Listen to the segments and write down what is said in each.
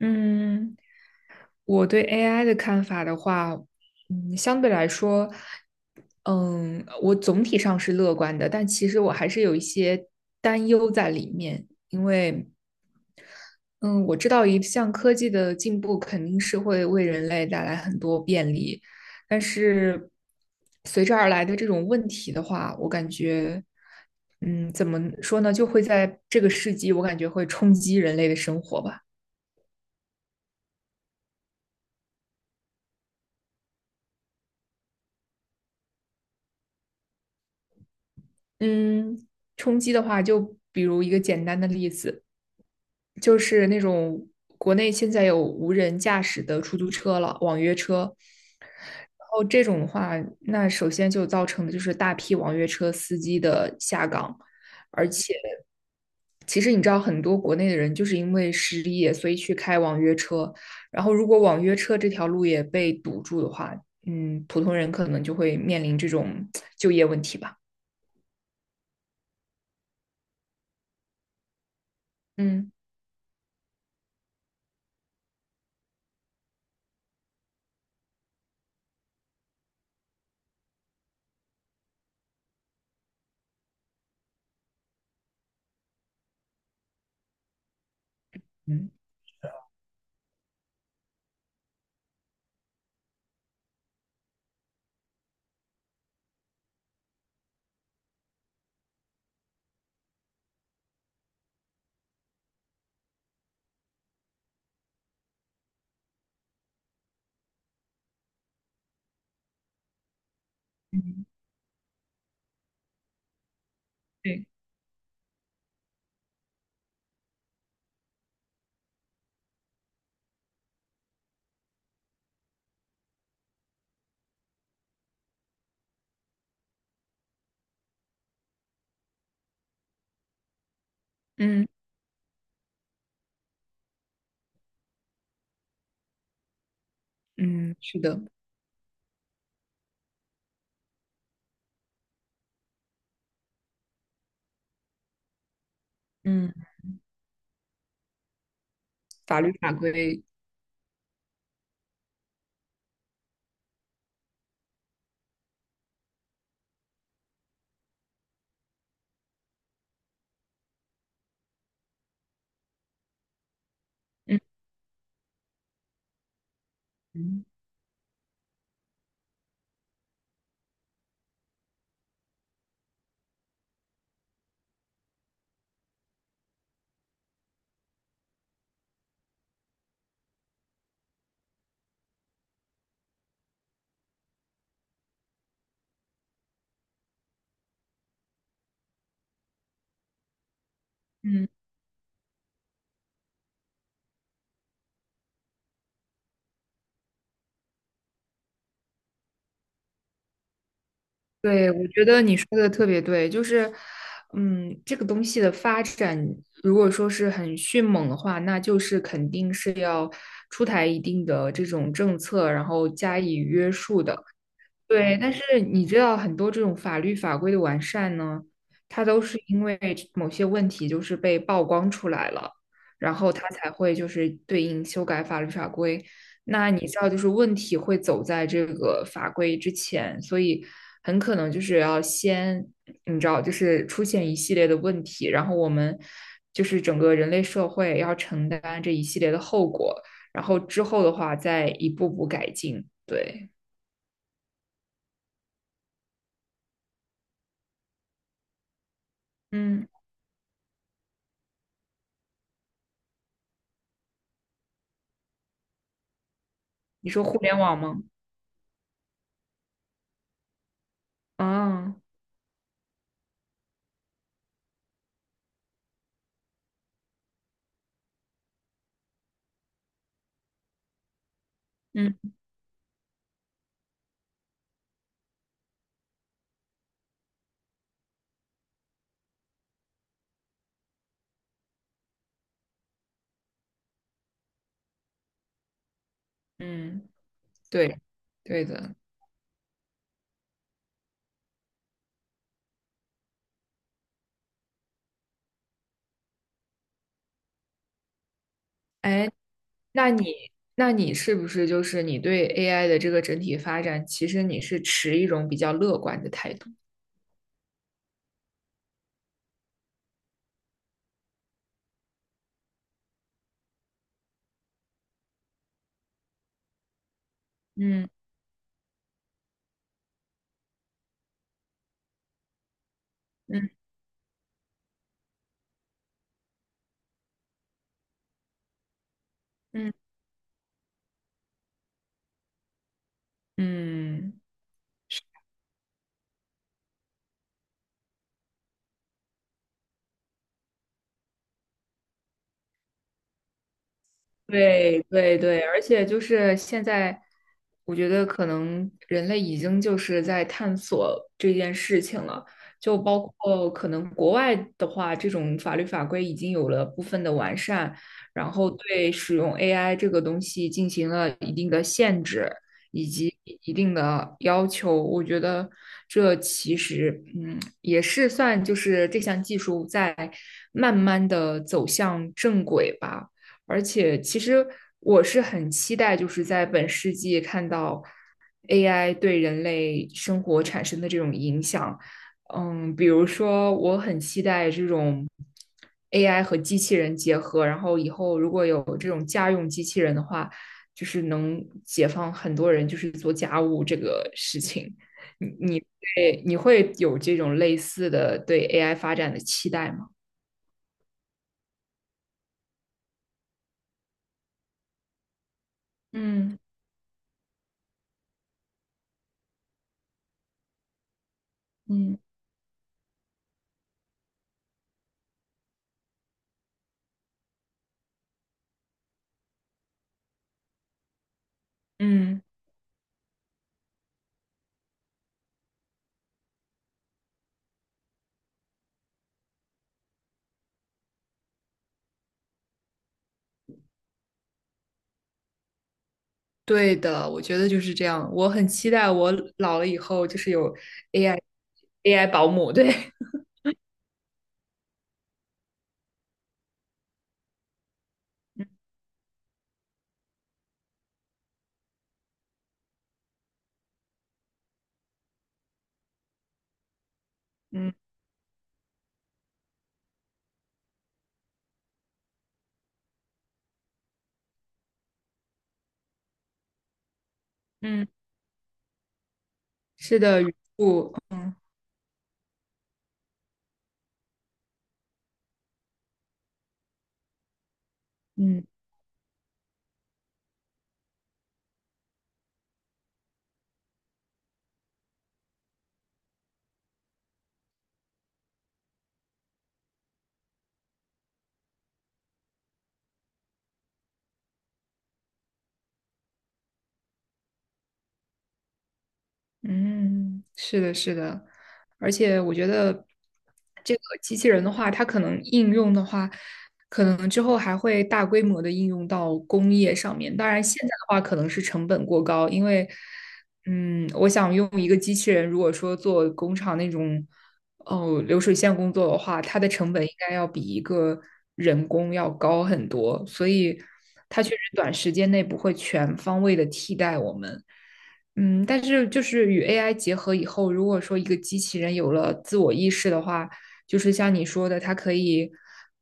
嗯，我对 AI 的看法的话，相对来说，我总体上是乐观的，但其实我还是有一些担忧在里面，因为，嗯，我知道一项科技的进步肯定是会为人类带来很多便利，但是随之而来的这种问题的话，我感觉，嗯，怎么说呢，就会在这个世纪，我感觉会冲击人类的生活吧。嗯，冲击的话，就比如一个简单的例子，就是那种国内现在有无人驾驶的出租车了，网约车。然后这种的话，那首先就造成的就是大批网约车司机的下岗，而且其实你知道，很多国内的人就是因为失业，所以去开网约车。然后如果网约车这条路也被堵住的话，普通人可能就会面临这种就业问题吧。嗯嗯，对。嗯嗯，是的，嗯法律法规，嗯嗯嗯对，我觉得你说的特别对，就是,这个东西的发展，如果说是很迅猛的话，那就是肯定是要出台一定的这种政策，然后加以约束的。对，但是你知道很多这种法律法规的完善呢，它都是因为某些问题就是被曝光出来了，然后它才会就是对应修改法律法规。那你知道，就是问题会走在这个法规之前，所以很可能就是要先，你知道，就是出现一系列的问题，然后我们就是整个人类社会要承担这一系列的后果，然后之后的话再一步步改进。对，嗯。你说互联网吗？啊，嗯嗯，对，对的。哎，那你那你是不是就是你对 AI 的这个整体发展，其实你是持一种比较乐观的态度？嗯嗯嗯嗯。对对对，而且就是现在，我觉得可能人类已经就是在探索这件事情了，就包括可能国外的话，这种法律法规已经有了部分的完善，然后对使用 AI 这个东西进行了一定的限制以及一定的要求。我觉得这其实,也是算就是这项技术在慢慢的走向正轨吧。而且其实我是很期待，就是在本世纪看到 AI 对人类生活产生的这种影响。嗯，比如说，我很期待这种 AI 和机器人结合，然后以后如果有这种家用机器人的话，就是能解放很多人，就是做家务这个事情。你会有这种类似的对 AI 发展的期待吗？嗯嗯。嗯。对的，我觉得就是这样。我很期待我老了以后就是有 AI AI 保姆，对，嗯嗯，是的，嗯。嗯，是的，是的，而且我觉得这个机器人的话，它可能应用的话，可能之后还会大规模的应用到工业上面。当然，现在的话可能是成本过高，因为，嗯，我想用一个机器人，如果说做工厂那种哦流水线工作的话，它的成本应该要比一个人工要高很多，所以它确实短时间内不会全方位的替代我们。嗯，但是就是与 AI 结合以后，如果说一个机器人有了自我意识的话，就是像你说的,它可以，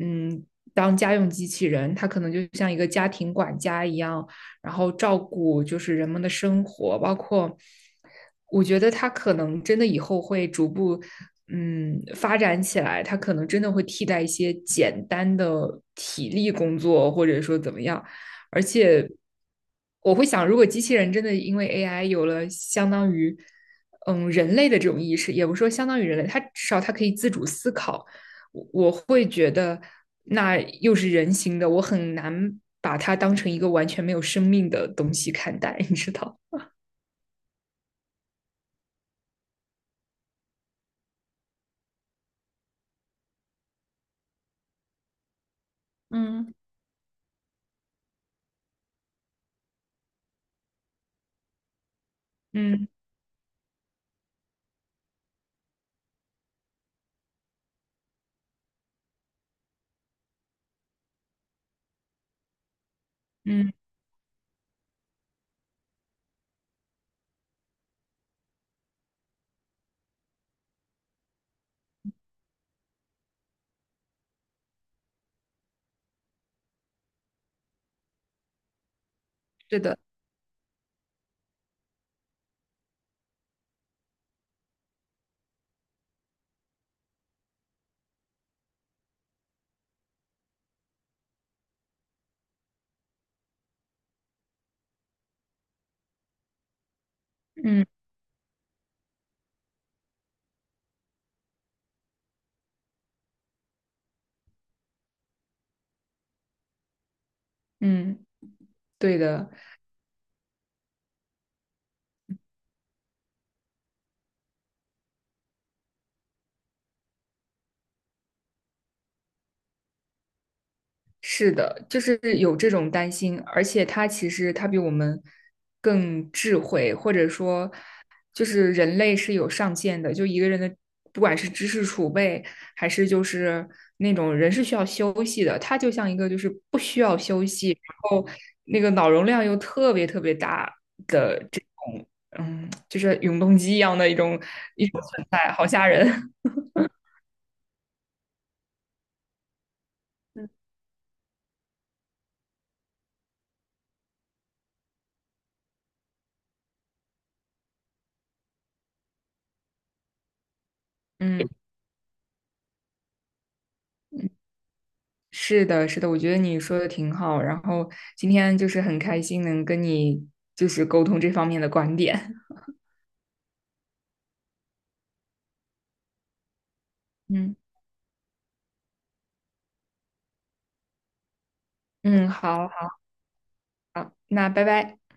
嗯，当家用机器人，它可能就像一个家庭管家一样，然后照顾就是人们的生活，包括我觉得它可能真的以后会逐步发展起来，它可能真的会替代一些简单的体力工作，或者说怎么样。而且我会想，如果机器人真的因为 AI 有了相当于人类的这种意识，也不是说相当于人类，它至少它可以自主思考，我会觉得那又是人形的，我很难把它当成一个完全没有生命的东西看待，你知道？嗯嗯嗯，是的，嗯嗯，对的。是的，就是有这种担心，而且它其实它比我们更智慧，或者说，就是人类是有上限的，就一个人的不管是知识储备，还是就是那种人是需要休息的，他就像一个就是不需要休息，然后那个脑容量又特别特别大的这种，嗯，就是永动机一样的一种存在，好吓人，嗯。是的，是的，我觉得你说的挺好。然后今天就是很开心能跟你就是沟通这方面的观点。嗯嗯，好好，那拜拜。